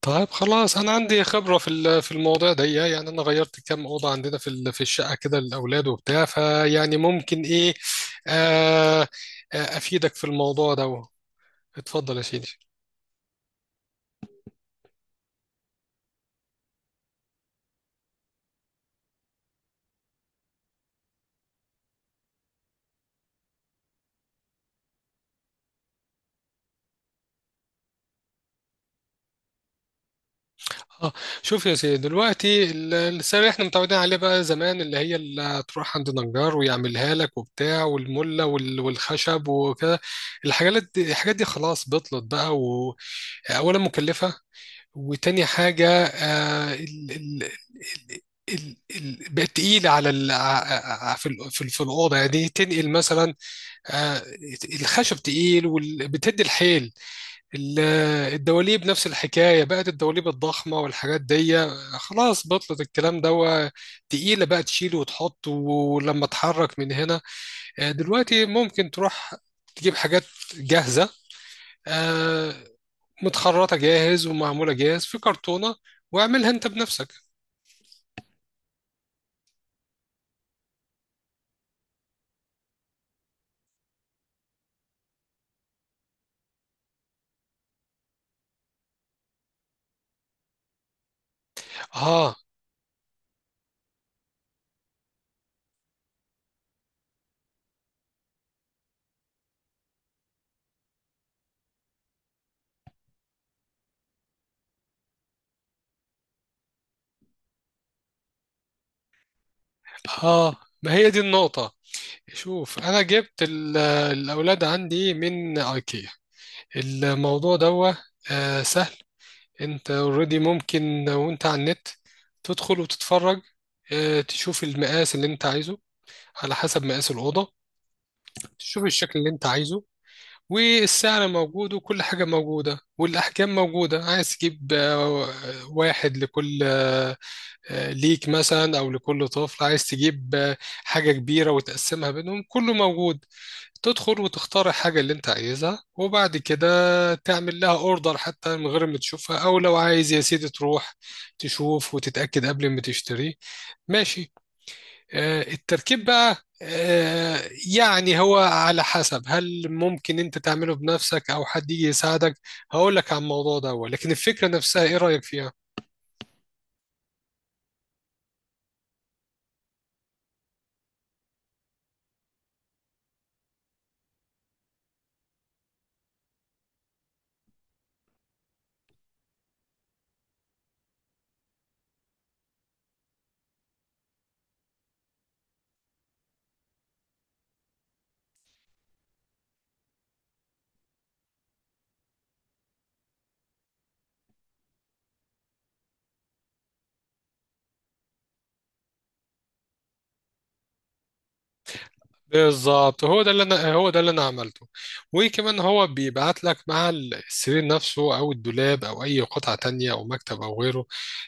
طيب خلاص انا عندي خبره في الموضوع ده يعني انا غيرت كام اوضه عندنا في الشقه كده للاولاد وبتاع فيعني ممكن ايه. آه. آه، افيدك في الموضوع ده. اتفضل يا سيدي. اه، شوف يا سيدي دلوقتي السعر اللي احنا متعودين عليه بقى زمان اللي هي اللي تروح عند نجار ويعملها لك وبتاع والمله والخشب وكده. الحاجات دي الحاجات دي خلاص بطلت بقى. واولا مكلفه. وتاني حاجة، ال بقت تقيلة على ال ع- ع- في ال في, ال في الأوضة يعني تنقل مثلا. آه، الخشب تقيل وبتدي الحيل. ال- الدواليب نفس الحكاية، بقت الدواليب الضخمة والحاجات دي خلاص بطلت الكلام ده. تقيلة بقى، تشيل وتحط ولما تحرك من هنا. دلوقتي ممكن تروح تجيب حاجات جاهزة، آه، متخرطة جاهز ومعمولة جاهز في كرتونة واعملها انت بنفسك. اه اه، ما هي دي النقطة. شوف، انا جبت الاولاد عندي من ايكيا. الموضوع ده آه سهل. انت اوريدي ممكن وانت على النت تدخل وتتفرج، آه تشوف المقاس اللي انت عايزه على حسب مقاس الأوضة، تشوف الشكل اللي انت عايزه، والسعر موجود وكل حاجة موجودة والأحجام موجودة. عايز تجيب واحد لكل ليك مثلا، او لكل طفل عايز تجيب حاجه كبيره وتقسمها بينهم، كله موجود. تدخل وتختار الحاجه اللي انت عايزها وبعد كده تعمل لها اوردر حتى من غير ما تشوفها، او لو عايز يا سيدي تروح تشوف وتتاكد قبل ما تشتري. ماشي. التركيب بقى، يعني هو على حسب، هل ممكن انت تعمله بنفسك او حد يجي يساعدك. هقول لك عن الموضوع ده، لكن الفكره نفسها ايه رايك فيها؟ بالظبط، هو ده اللي انا عملته. وكمان هو بيبعت لك مع السرير نفسه او الدولاب او اي قطعه تانية او مكتب او غيره،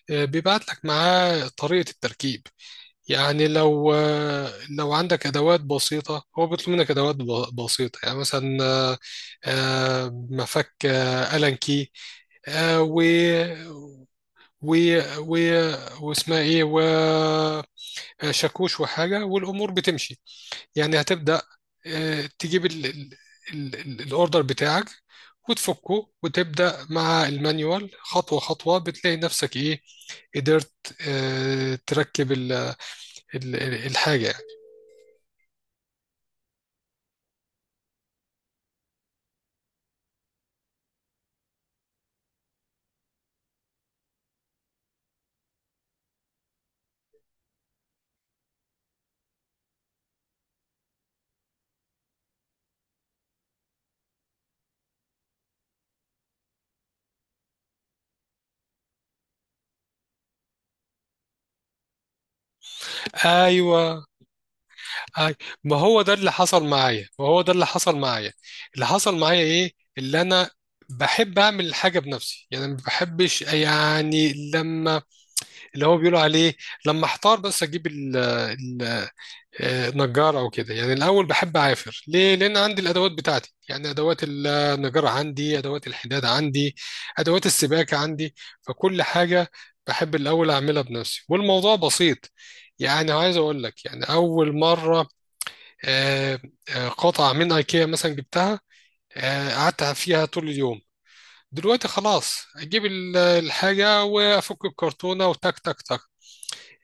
بيبعت لك معاه طريقه التركيب. يعني لو عندك ادوات بسيطه، هو بيطلب منك ادوات بسيطه، يعني مثلا، مفك، الان كي، آه، و و و واسمها ايه، وشاكوش وحاجه، والامور بتمشي. يعني هتبدأ، تجيب الاوردر بتاعك وتفكه، وتبدأ مع المانيوال خطوة خطوة، بتلاقي نفسك ايه، قدرت تركب الحاجة يعني. ايوه. أي- ما هو ده اللي حصل معايا ما هو ده اللي حصل معايا. اللي حصل معايا ايه؟ اللي انا بحب اعمل الحاجه بنفسي، يعني ما بحبش يعني لما، اللي هو بيقولوا عليه، لما احتار بس، اجيب ال نجار او كده. يعني الاول بحب اعافر، ليه؟ لان عندي الادوات بتاعتي، يعني ادوات النجار عندي، ادوات الحداد عندي، ادوات السباكه عندي، فكل حاجه بحب الاول اعملها بنفسي، والموضوع بسيط. يعني عايز اقول لك، يعني اول مره، آه، قطعه من ايكيا مثلا جبتها، قعدت فيها طول اليوم. دلوقتي خلاص اجيب الحاجه وافك الكرتونه وتك تك تك،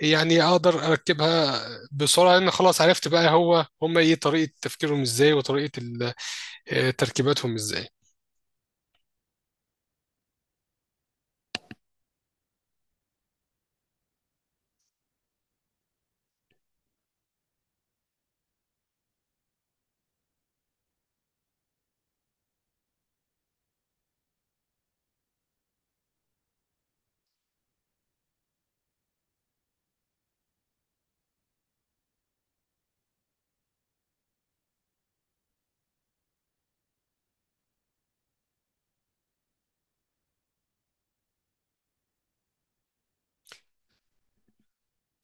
يعني اقدر اركبها بسرعه، لان خلاص عرفت بقى هو هم ايه طريقه تفكيرهم ازاي وطريقه تركيباتهم ازاي.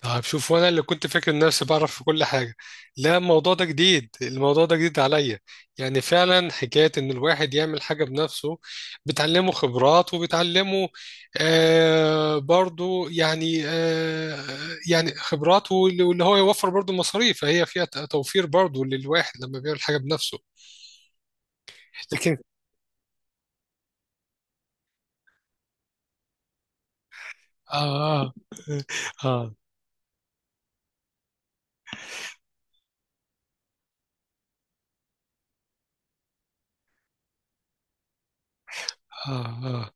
طيب شوف، وانا اللي كنت فاكر نفسي بعرف في كل حاجه، لا الموضوع ده جديد، الموضوع ده جديد عليا. يعني فعلا حكايه ان الواحد يعمل حاجه بنفسه بتعلمه خبرات وبتعلمه، آه برضو يعني آه، يعني خبرات، واللي هو يوفر برضو مصاريف، فهي فيها توفير برضو للواحد لما بيعمل حاجه بنفسه. لكن، آه. آه. آه. آه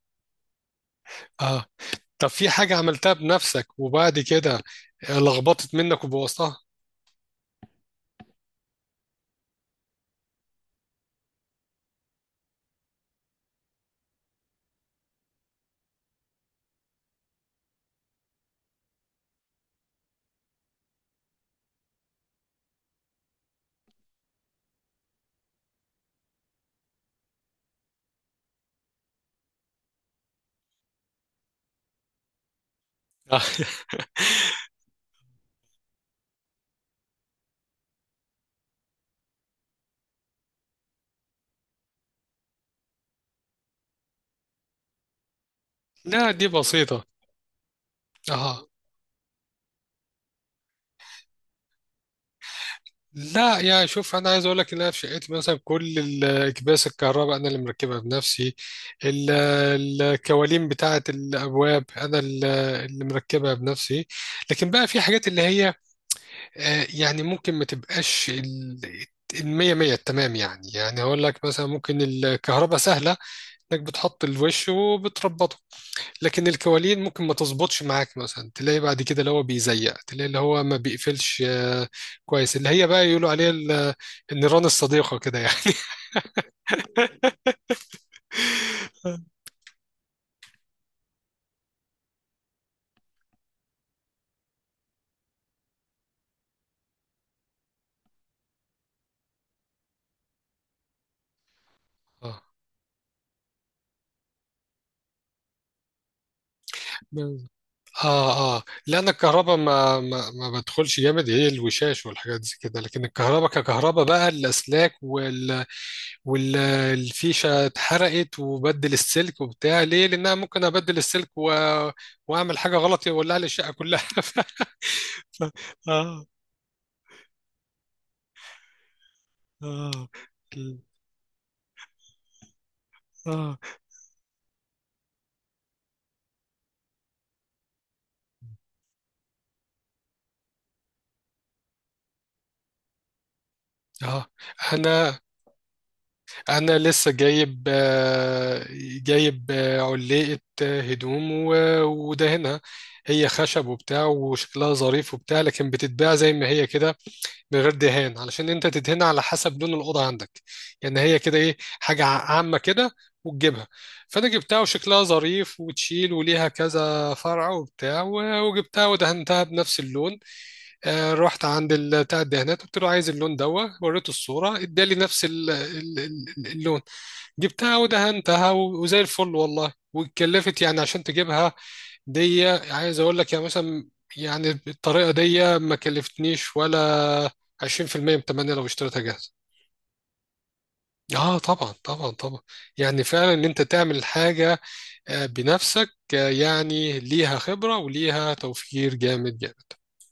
آه. طب في حاجة عملتها بنفسك وبعد كده لخبطت منك وبوظتها؟ آه. لا دي بسيطة. آه. لا يا شوف، أنا عايز أقول لك إن أنا في شقتي مثلا كل الأكباس الكهرباء أنا اللي مركبها بنفسي. ال- الكوالين بتاعة الأبواب أنا اللي مركبها بنفسي. لكن بقى في حاجات اللي هي يعني ممكن ما تبقاش المية مية التمام. يعني يعني هقول لك، مثلا ممكن الكهرباء سهلة، انك بتحط الوش وبتربطه. لكن الكوالين ممكن ما تظبطش معاك، مثلا تلاقي بعد كده اللي هو بيزيق، تلاقي اللي هو ما بيقفلش كويس، اللي هي بقى يقولوا عليها النيران الصديقة كده يعني. اه اه اه، لان الكهرباء ما بدخلش جامد، هي الوشاش والحاجات دي كده، لكن الكهرباء ككهرباء بقى، الاسلاك والفيشة اتحرقت وبدل السلك وبتاع، ليه؟ لأنها ممكن أبدل السلك و... وأعمل حاجة غلط يولع لي الشقة كلها. ف... آه. آه. آه. آه. أنا لسه جايب جايب علقة هدوم ودهنها. هي خشب وبتاع وشكلها ظريف وبتاع، لكن بتتباع زي ما هي كده من غير دهان علشان انت تدهنها على حسب لون الاوضه عندك. يعني هي كده ايه، حاجه عامه كده، وتجيبها. فانا جبتها وشكلها ظريف وتشيل وليها كذا فرع وبتاع، وجبتها ودهنتها بنفس اللون. آه، رحت عند بتاع الدهانات، قلت له عايز اللون دوا، وريته الصوره ادالي نفس اللون. جبتها ودهنتها، وزي الفل والله. واتكلفت يعني عشان تجيبها، دي عايز اقول لك، يعني مثلا، يعني بالطريقه دي ما كلفتنيش ولا 20% من تمنية لو اشتريتها جاهزه. اه طبعا طبعا طبعا، يعني فعلا ان انت تعمل حاجه بنفسك، يعني ليها خبره وليها توفير جامد جامد.